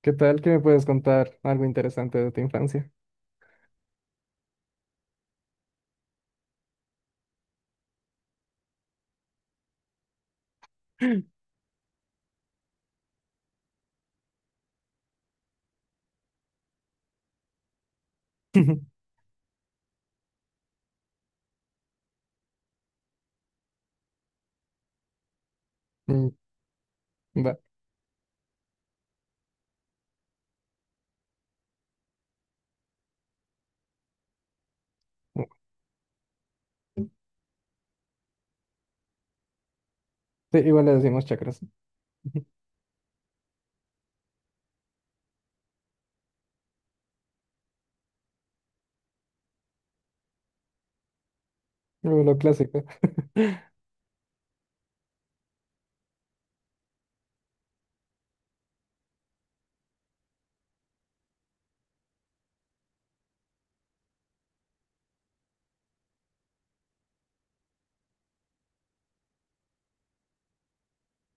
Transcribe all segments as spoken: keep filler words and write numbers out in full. ¿Qué tal? ¿Que me puedes contar algo interesante de tu infancia? Mm. Va. Mm. Sí, igual le decimos chakras. Lo, lo clásico.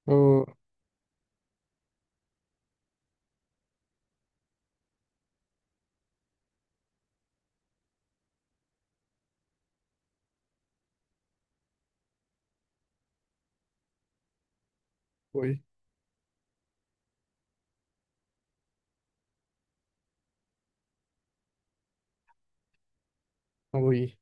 Oh, uy, uy.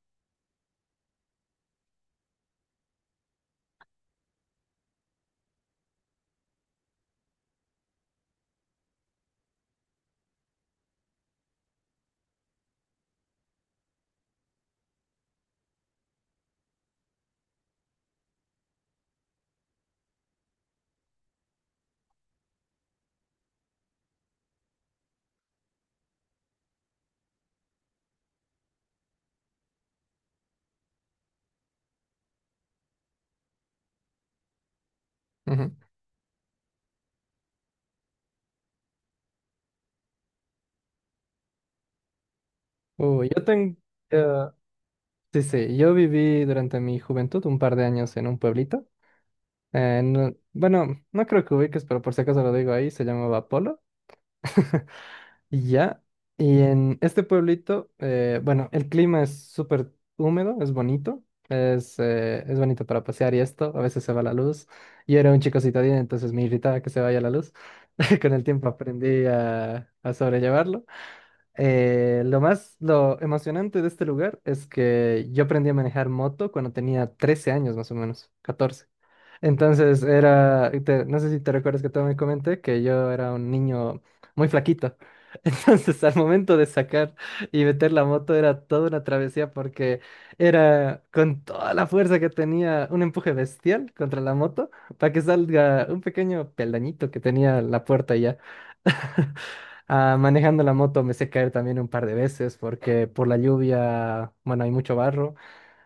Ujú. Oh, yo tengo... Sí, sí, yo viví durante mi juventud un par de años en un pueblito. Eh, no- bueno, no creo que ubiques, pero por si acaso lo digo ahí, se llamaba Polo. Y ya, y en este pueblito, eh, bueno, el clima es súper húmedo, es bonito, es, eh, es bonito para pasear y esto, a veces se va la luz. Yo era un chico citadino, entonces me irritaba que se vaya la luz. Con el tiempo aprendí a, a sobrellevarlo. Eh, lo más, lo emocionante de este lugar es que yo aprendí a manejar moto cuando tenía trece años más o menos, catorce, entonces era, te- no sé si te recuerdas que te me comenté que yo era un niño muy flaquito. Entonces, al momento de sacar y meter la moto era toda una travesía, porque era con toda la fuerza que tenía un empuje bestial contra la moto para que salga un pequeño peldañito que tenía la puerta, y ya. Ah, manejando la moto me sé caer también un par de veces porque por la lluvia, bueno, hay mucho barro.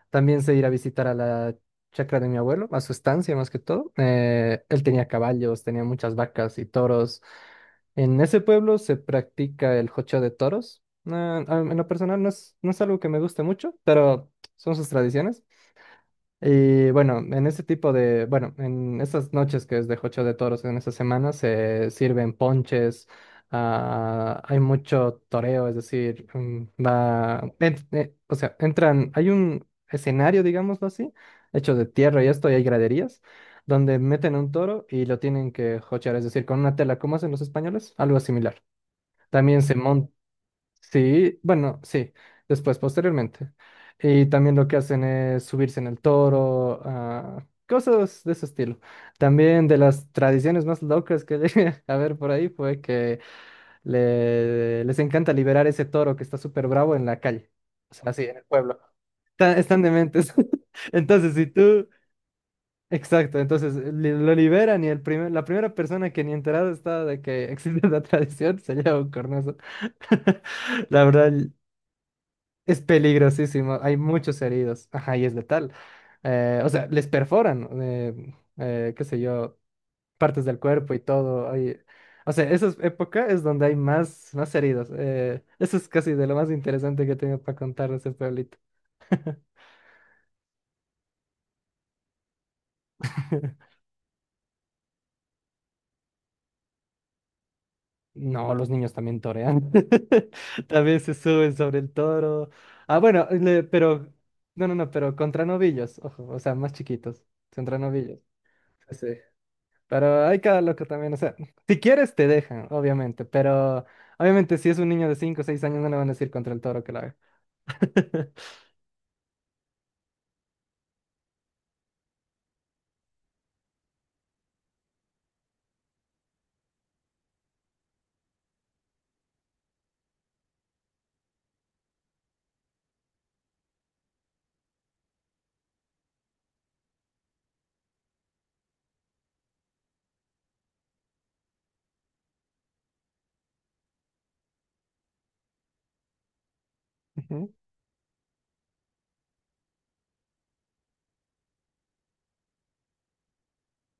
También sé ir a visitar a la chacra de mi abuelo, a su estancia más que todo. Eh, él tenía caballos, tenía muchas vacas y toros. En ese pueblo se practica el jocheo de toros. No, a- en lo personal no es, no es algo que me guste mucho, pero son sus tradiciones. Y bueno, en este tipo de, bueno, en estas noches que es de Jocho de Toros, en esta semana se sirven ponches, ah, hay mucho toreo, es decir, mm, va, en- eh, o sea, entran, hay un escenario, digámoslo así, hecho de tierra y esto, y hay graderías, donde meten un toro y lo tienen que jochear, es decir, con una tela, como hacen los españoles, algo similar. También se... Mm. Sí, bueno, sí, después, posteriormente. Y también lo que hacen es subirse en el toro, ah, cosas de ese estilo. También, de las tradiciones más locas que llegué a ver por ahí, fue que le- les encanta liberar ese toro que está súper bravo en la calle, o sea, así, en el pueblo. Están, están dementes. Entonces, si tú... Exacto, entonces li- lo liberan y el primer, la primera persona que ni enterada está de que existe la tradición se lleva un cornazo. La verdad, es peligrosísimo, hay muchos heridos, ajá, y es letal. Eh, o sea, les perforan, eh, eh, qué sé yo, partes del cuerpo y todo. Hay... O sea, esa es- época es donde hay más, más heridos. Eh, eso es casi de lo más interesante que tengo para contar de ese pueblito. No, los niños también torean. También se suben sobre el toro. Ah, bueno, le- pero, no, no, no, pero contra novillos, ojo, o sea, más chiquitos, contra novillos. Sí. Pero hay cada loco también, o sea, si quieres te dejan, obviamente, pero obviamente si es un niño de cinco o seis años no le van a decir contra el toro que lo haga. Ujú.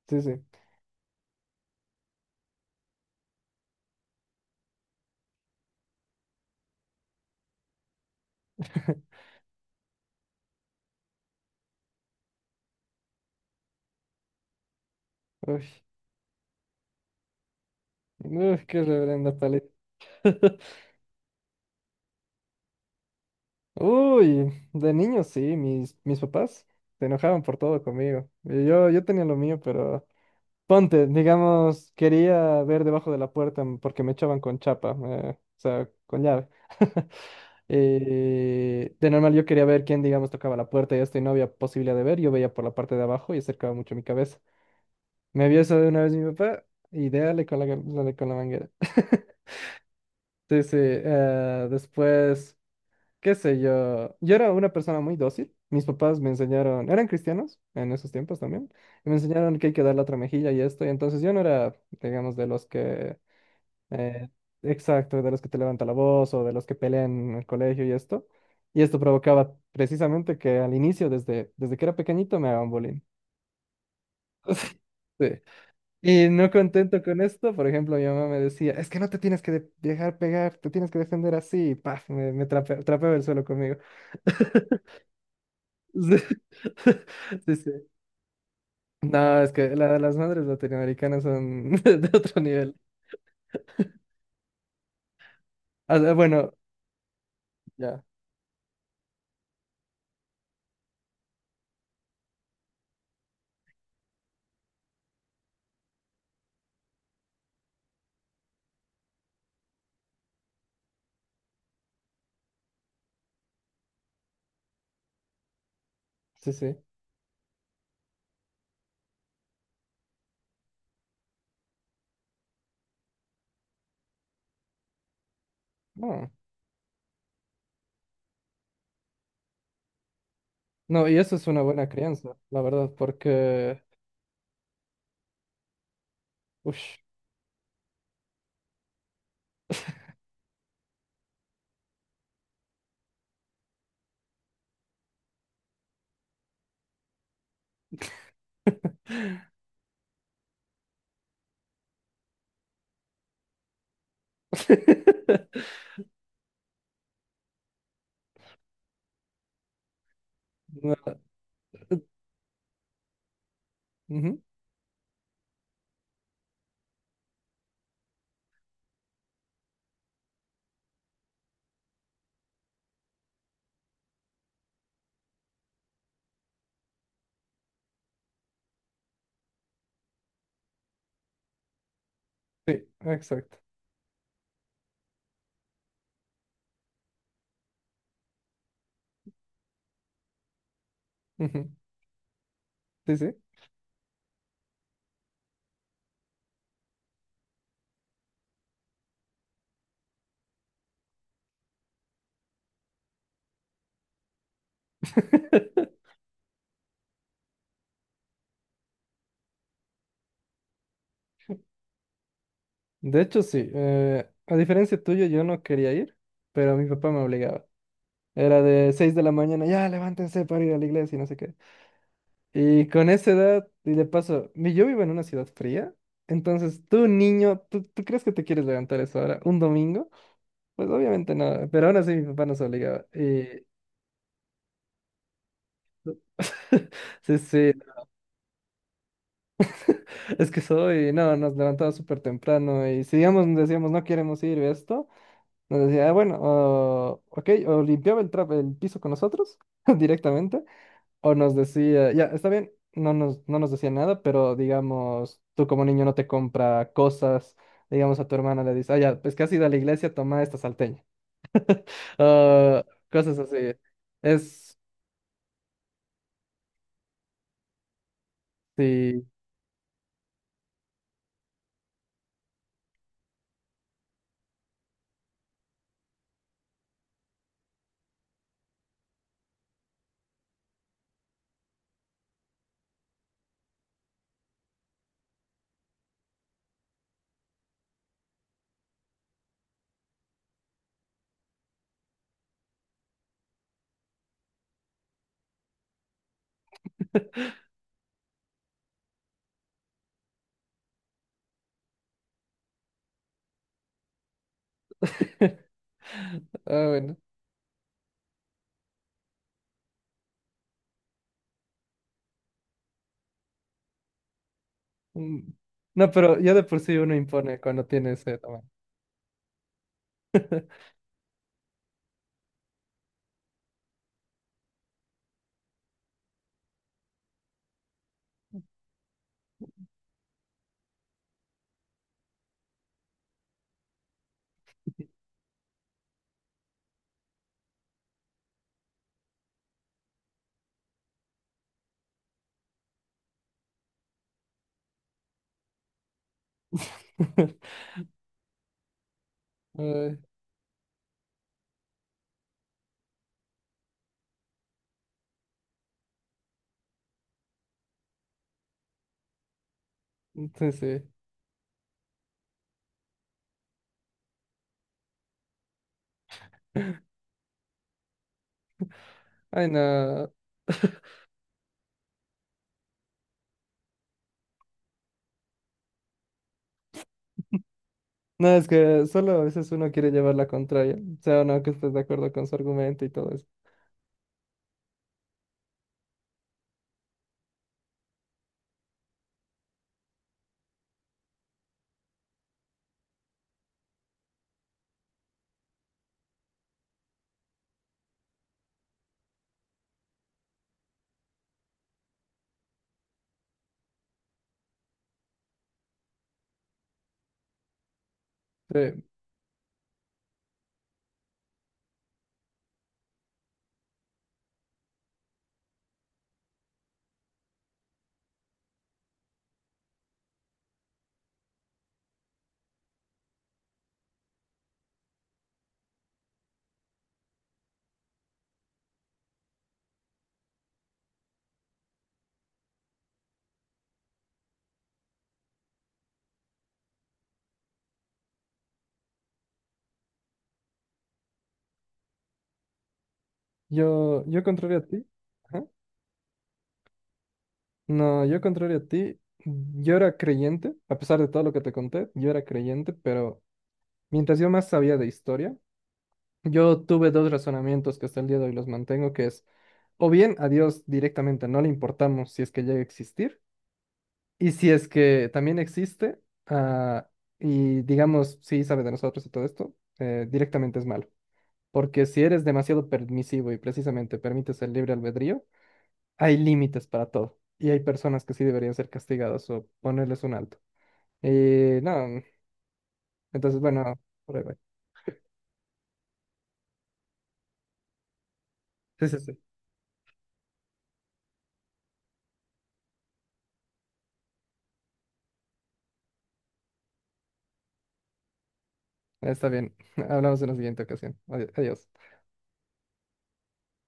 Sí, sí. Uy, uy, qué reverenda paliza. Uy, de niño sí, mis, mis papás se enojaban por todo conmigo. Y Yo, yo tenía lo mío, pero ponte, digamos, quería ver debajo de la puerta porque me echaban con chapa, eh, o sea, con llave. Eh, de normal yo quería ver quién, digamos, tocaba la puerta y esto, y no había posibilidad de ver. Yo veía por la parte de abajo y acercaba mucho mi cabeza. Me vio eso de una vez mi papá y dale con la, dale con la manguera. Sí, sí. Eh, después, qué sé yo. Yo era una persona muy dócil. Mis papás me enseñaron, eran cristianos en esos tiempos también, y me enseñaron que hay que dar la otra mejilla y esto. Y entonces yo no era, digamos, de los que... Eh, exacto, de los que te levanta la voz o de los que pelean en el colegio y esto. Y esto provocaba precisamente que al inicio, desde, desde que era pequeñito, me hagan bullying. Sí. Y no contento con esto, por ejemplo, mi mamá me decía, es que no te tienes que de- dejar pegar, te tienes que defender así, y paf, me, me trape- trapeaba el suelo conmigo. Sí, sí, sí. No, es que la- las madres latinoamericanas son de otro nivel. Ah, bueno, ya, sí, sí. No. No, y eso es una buena crianza, la verdad, porque... Ush. No, ujú. Sí, exacto. Ujú. Sí, sí. De hecho, sí. Eh, a diferencia tuya, yo no quería ir, pero mi papá me obligaba. Era de seis de la mañana, ya levántense para ir a la iglesia y no sé qué. Y con esa edad, y de paso, mi- yo vivo en una ciudad fría, entonces tú, niño, ¿tú, tú crees que te quieres levantar a esa hora? ¿Un domingo? Pues obviamente no, pero aún así mi papá nos obligaba. Y... Sí, sí. Es que soy, no, nos levantaba súper temprano y si digamos, decíamos no queremos ir esto, nos decía, "Ah, bueno, o- ok", o limpiaba el, tra- el piso con nosotros directamente, o nos decía, ya, está bien, no nos, no nos decía nada, pero digamos, tú como niño no te compra cosas, digamos a tu hermana le dices, ah, ya, pues casi has la iglesia, toma esta salteña, ah, cosas así. Es, sí, ah, bueno. Mm. No, pero ya de por sí uno impone cuando tiene ese tamaño. Ay, sí, sí. Ay, no. No, es que solo a veces uno quiere llevar la contraria, o sea, o no que estés de acuerdo con su argumento y todo eso. Sí, yo, yo contrario a ti, ajá, no, yo contrario a ti, yo era creyente, a pesar de todo lo que te conté, yo era creyente, pero mientras yo más sabía de historia, yo tuve dos razonamientos que hasta el día de hoy los mantengo, que es, o bien a Dios directamente no le importamos si es que llega a existir. Y si es que también existe, ah, y digamos, sí sabe de nosotros y todo esto, eh, directamente es malo. Porque si eres demasiado permisivo y precisamente permites el libre albedrío, hay límites para todo. Y hay personas que sí deberían ser castigadas o ponerles un alto. Y no, entonces, bueno, por ahí va. Sí, sí, sí. Está bien. Hablamos en la siguiente ocasión. Adi- Adiós.